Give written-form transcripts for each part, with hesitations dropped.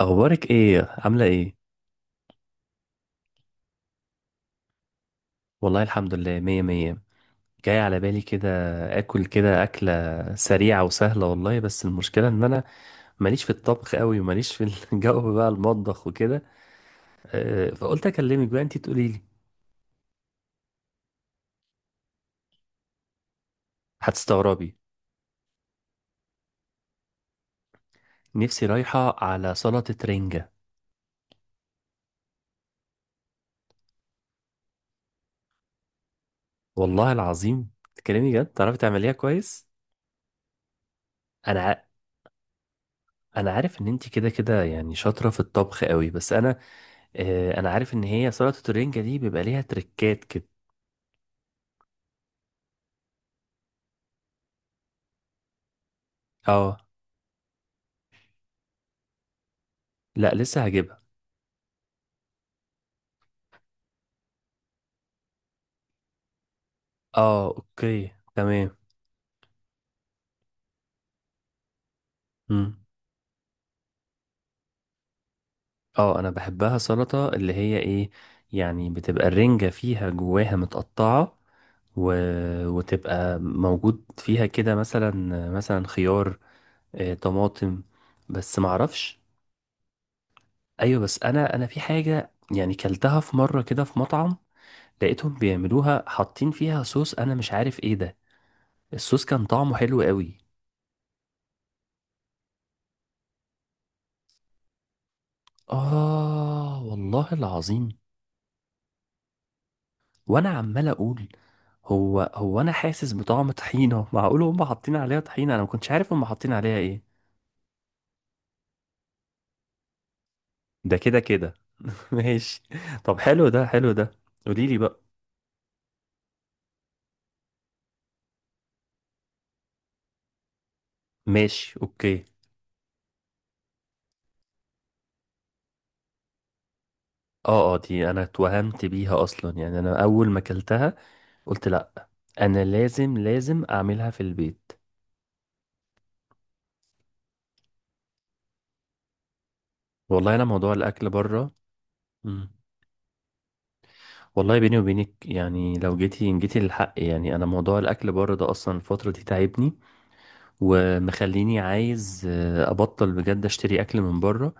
اخبارك ايه؟ عامله ايه؟ والله الحمد لله، مية مية. جاي على بالي كده اكل، كده اكله سريعه وسهله. والله بس المشكله ان انا ماليش في الطبخ قوي وماليش في الجو بقى المطبخ وكده. فقلت اكلمك بقى انتي تقولي لي. هتستغربي. نفسي رايحه على سلطه رنجه. والله العظيم. تكلمي جد، تعرفي تعمليها كويس؟ انا ع- انا عارف ان انتي كده كده يعني شاطره في الطبخ قوي، بس انا. انا عارف ان هي سلطه الرنجه دي بيبقى ليها تريكات كده. اه. لا، لسه هجيبها. اه، اوكي تمام. مم. اه، انا بحبها سلطة اللي هي ايه، يعني بتبقى الرنجة فيها جواها متقطعة و... وتبقى موجود فيها كده مثلا خيار، طماطم. بس معرفش. ايوه، بس انا في حاجة. يعني كلتها في مرة كده في مطعم، لقيتهم بيعملوها حاطين فيها صوص انا مش عارف ايه ده. الصوص كان طعمه حلو قوي. اه والله العظيم. وانا عمال اقول هو هو انا حاسس بطعم طحينه، معقول هم حاطين عليها طحينه؟ انا ما كنتش عارف هم حاطين عليها ايه. ده كده كده. ماشي. طب حلو ده، حلو ده. قولي لي بقى. ماشي، اوكي. اه اه، دي انا اتوهمت بيها اصلا يعني انا اول ما اكلتها قلت لا، انا لازم اعملها في البيت. والله انا موضوع الاكل بره. مم. والله بيني وبينك يعني لو جيتي جيتي للحق، يعني انا موضوع الاكل بره ده اصلا الفتره دي تعبني. ومخليني عايز ابطل بجد اشتري اكل من بره،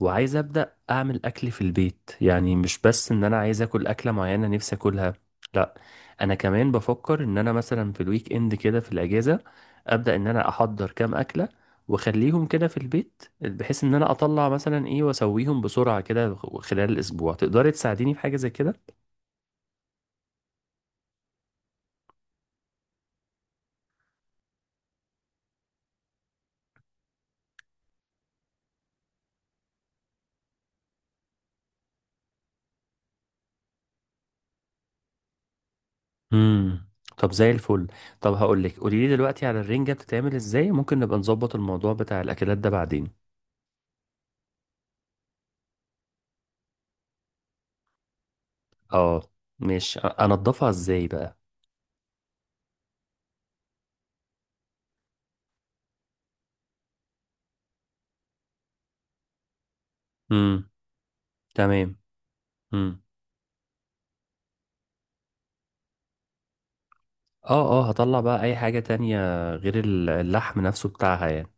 وعايز ابدا اعمل اكل في البيت، يعني مش بس ان انا عايز اكل اكله معينه نفسي اكلها. لا، انا كمان بفكر ان انا مثلا في الويك اند كده في الاجازه ابدا ان انا احضر كام اكله واخليهم كده في البيت، بحيث ان انا اطلع مثلا ايه واسويهم بسرعه كده خلال الاسبوع. تقدري تساعديني في حاجه زي كده؟ امم. طب زي الفل. طب هقول لك، قولي لي دلوقتي على الرنجة بتتعمل ازاي، ممكن نبقى نظبط الموضوع بتاع الاكلات ده بعدين. اه. مش انضفها ازاي بقى؟ امم. تمام. امم. اه اه، هطلع بقى اي حاجة تانية غير اللحم نفسه بتاعها يعني؟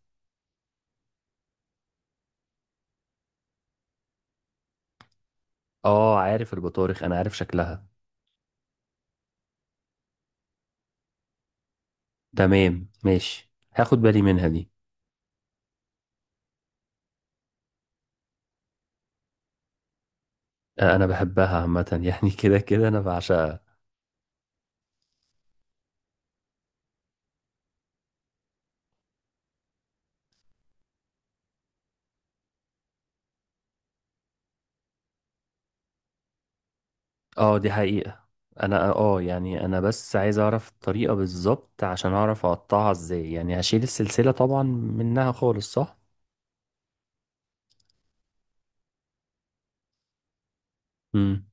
اه، عارف البطارخ، انا عارف شكلها. تمام، ماشي، هاخد بالي منها دي. انا بحبها عامة يعني كده كده انا بعشقها. اه، دي حقيقة. انا يعني انا بس عايز اعرف الطريقة بالظبط عشان اعرف اقطعها ازاي، يعني هشيل السلسلة طبعا منها خالص، صح؟ امم.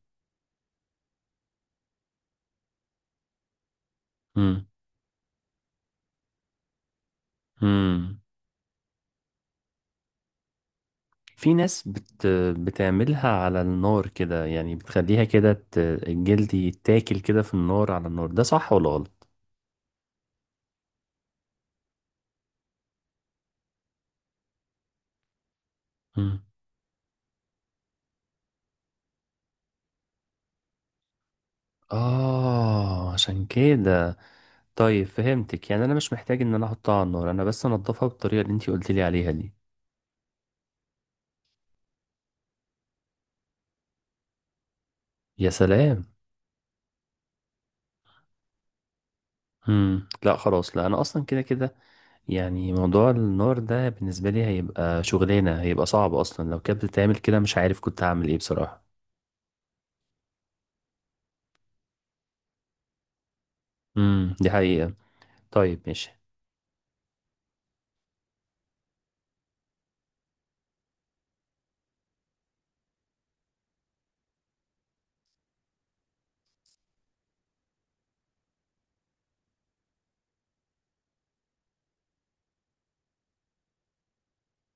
امم. امم. في ناس بتعملها على النار كده، يعني بتخليها كده الجلد يتاكل كده في النار على النار، ده صح ولا غلط؟ امم. اه، عشان كده. طيب فهمتك، يعني انا مش محتاج ان انا احطها على النار، انا بس انضفها بالطريقة اللي انتي قلت لي عليها دي. يا سلام. امم. لا، خلاص، لا، انا اصلا كده كده يعني موضوع النار ده بالنسبه لي هيبقى شغلانه، هيبقى صعب. اصلا لو كانت بتتعمل كده مش عارف كنت هعمل ايه بصراحه. امم، دي حقيقه. طيب، ماشي.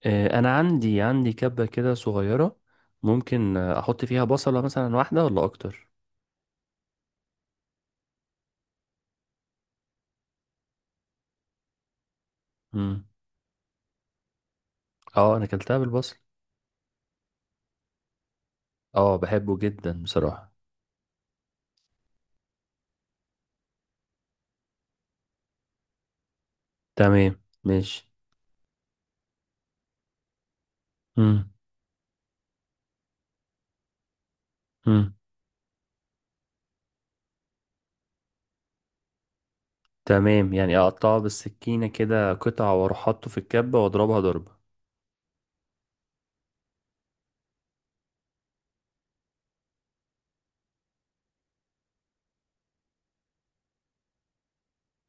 انا عندي كبه كده صغيره. ممكن احط فيها بصله مثلا واحده ولا اكتر؟ امم. اه، انا اكلتها بالبصل. اه، بحبه جدا بصراحه. تمام، ماشي. امم. امم. تمام، يعني اقطعه بالسكينه كده قطع، واروح حاطه في الكبه واضربها ضربه.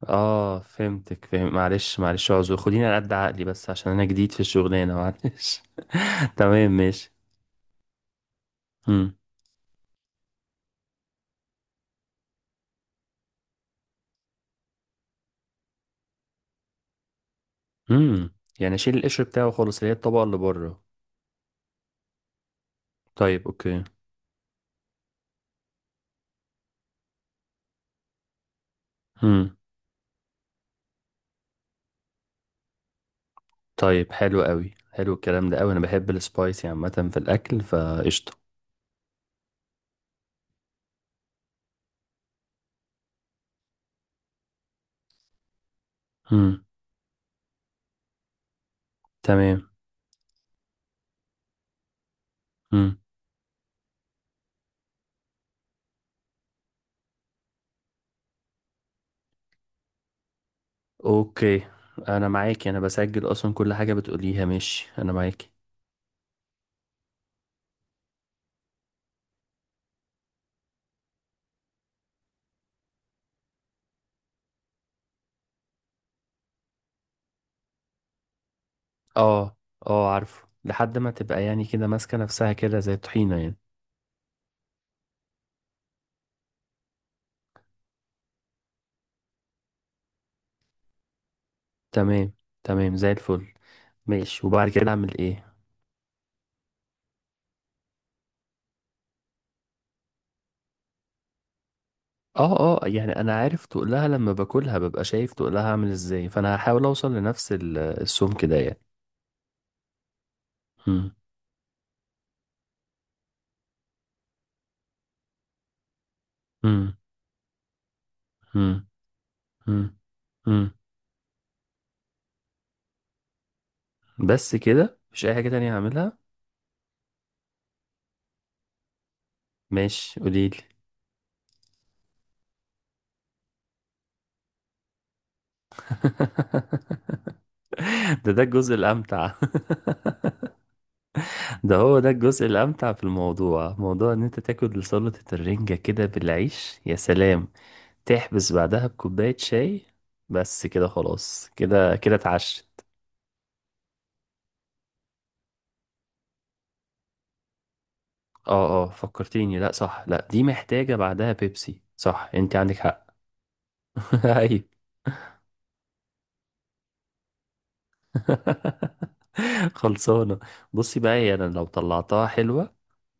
اه، فهمتك فهم. معلش معلش، اعذر خديني على قد عقلي بس عشان انا جديد في الشغلانه، معلش. تمام، ماشي. امم. امم. يعني اشيل القشر بتاعه خالص اللي هي الطبقه اللي بره. طيب، اوكي. امم. طيب حلو قوي، حلو الكلام ده قوي. انا بحب السبايسي عامه في الاكل، فقشطه. امم. تمام. امم. اوكي. انا معاكي، انا بسجل اصلا كل حاجه بتقوليها، ماشي، انا معاكي. اه اه، عارفه لحد ما تبقى يعني كده ماسكه نفسها كده زي الطحينه يعني. تمام، تمام، زي الفل. ماشي، وبعد كده اعمل ايه؟ اه اه، يعني انا عارف تقلها لما باكلها ببقى شايف تقلها عامل ازاي، فانا هحاول اوصل لنفس السمك ده يعني. مم، مم، مم، مم، مم. بس كده؟ مش اي حاجة تانية هعملها. ماشي، قوليلي. ده الجزء الامتع. ده هو ده الجزء الامتع في الموضوع، موضوع ان انت تاكل سلطة الرنجة كده بالعيش، يا سلام. تحبس بعدها بكوباية شاي. بس كده خلاص، كده كده اتعشى. اه اه، فكرتيني، لا صح، لا دي محتاجة بعدها بيبسي، صح، انت عندك حق. ايوه. خلصانة. بصي بقى، هي انا لو طلعتها حلوة،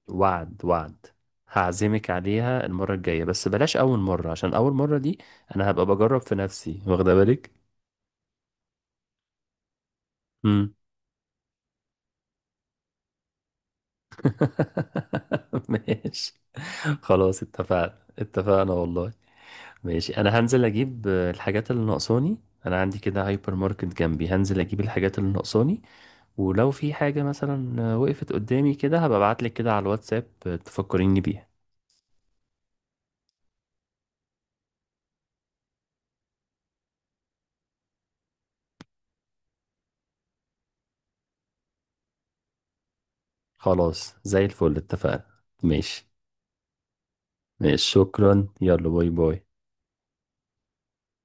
وعد وعد، هعزمك عليها المرة الجاية، بس بلاش أول مرة عشان أول مرة دي أنا هبقى بجرب في نفسي، واخدة بالك؟ مم. ماشي. خلاص، اتفقنا اتفقنا والله. ماشي، أنا هنزل أجيب الحاجات اللي ناقصاني. أنا عندي كده هايبر ماركت جنبي، هنزل أجيب الحاجات اللي ناقصاني، ولو في حاجة مثلا وقفت قدامي كده هبقى ابعتلك كده على الواتساب تفكريني بيها. خلاص، زي الفل، اتفقنا. ماشي. ماشي، شكرا، يلا، باي باي.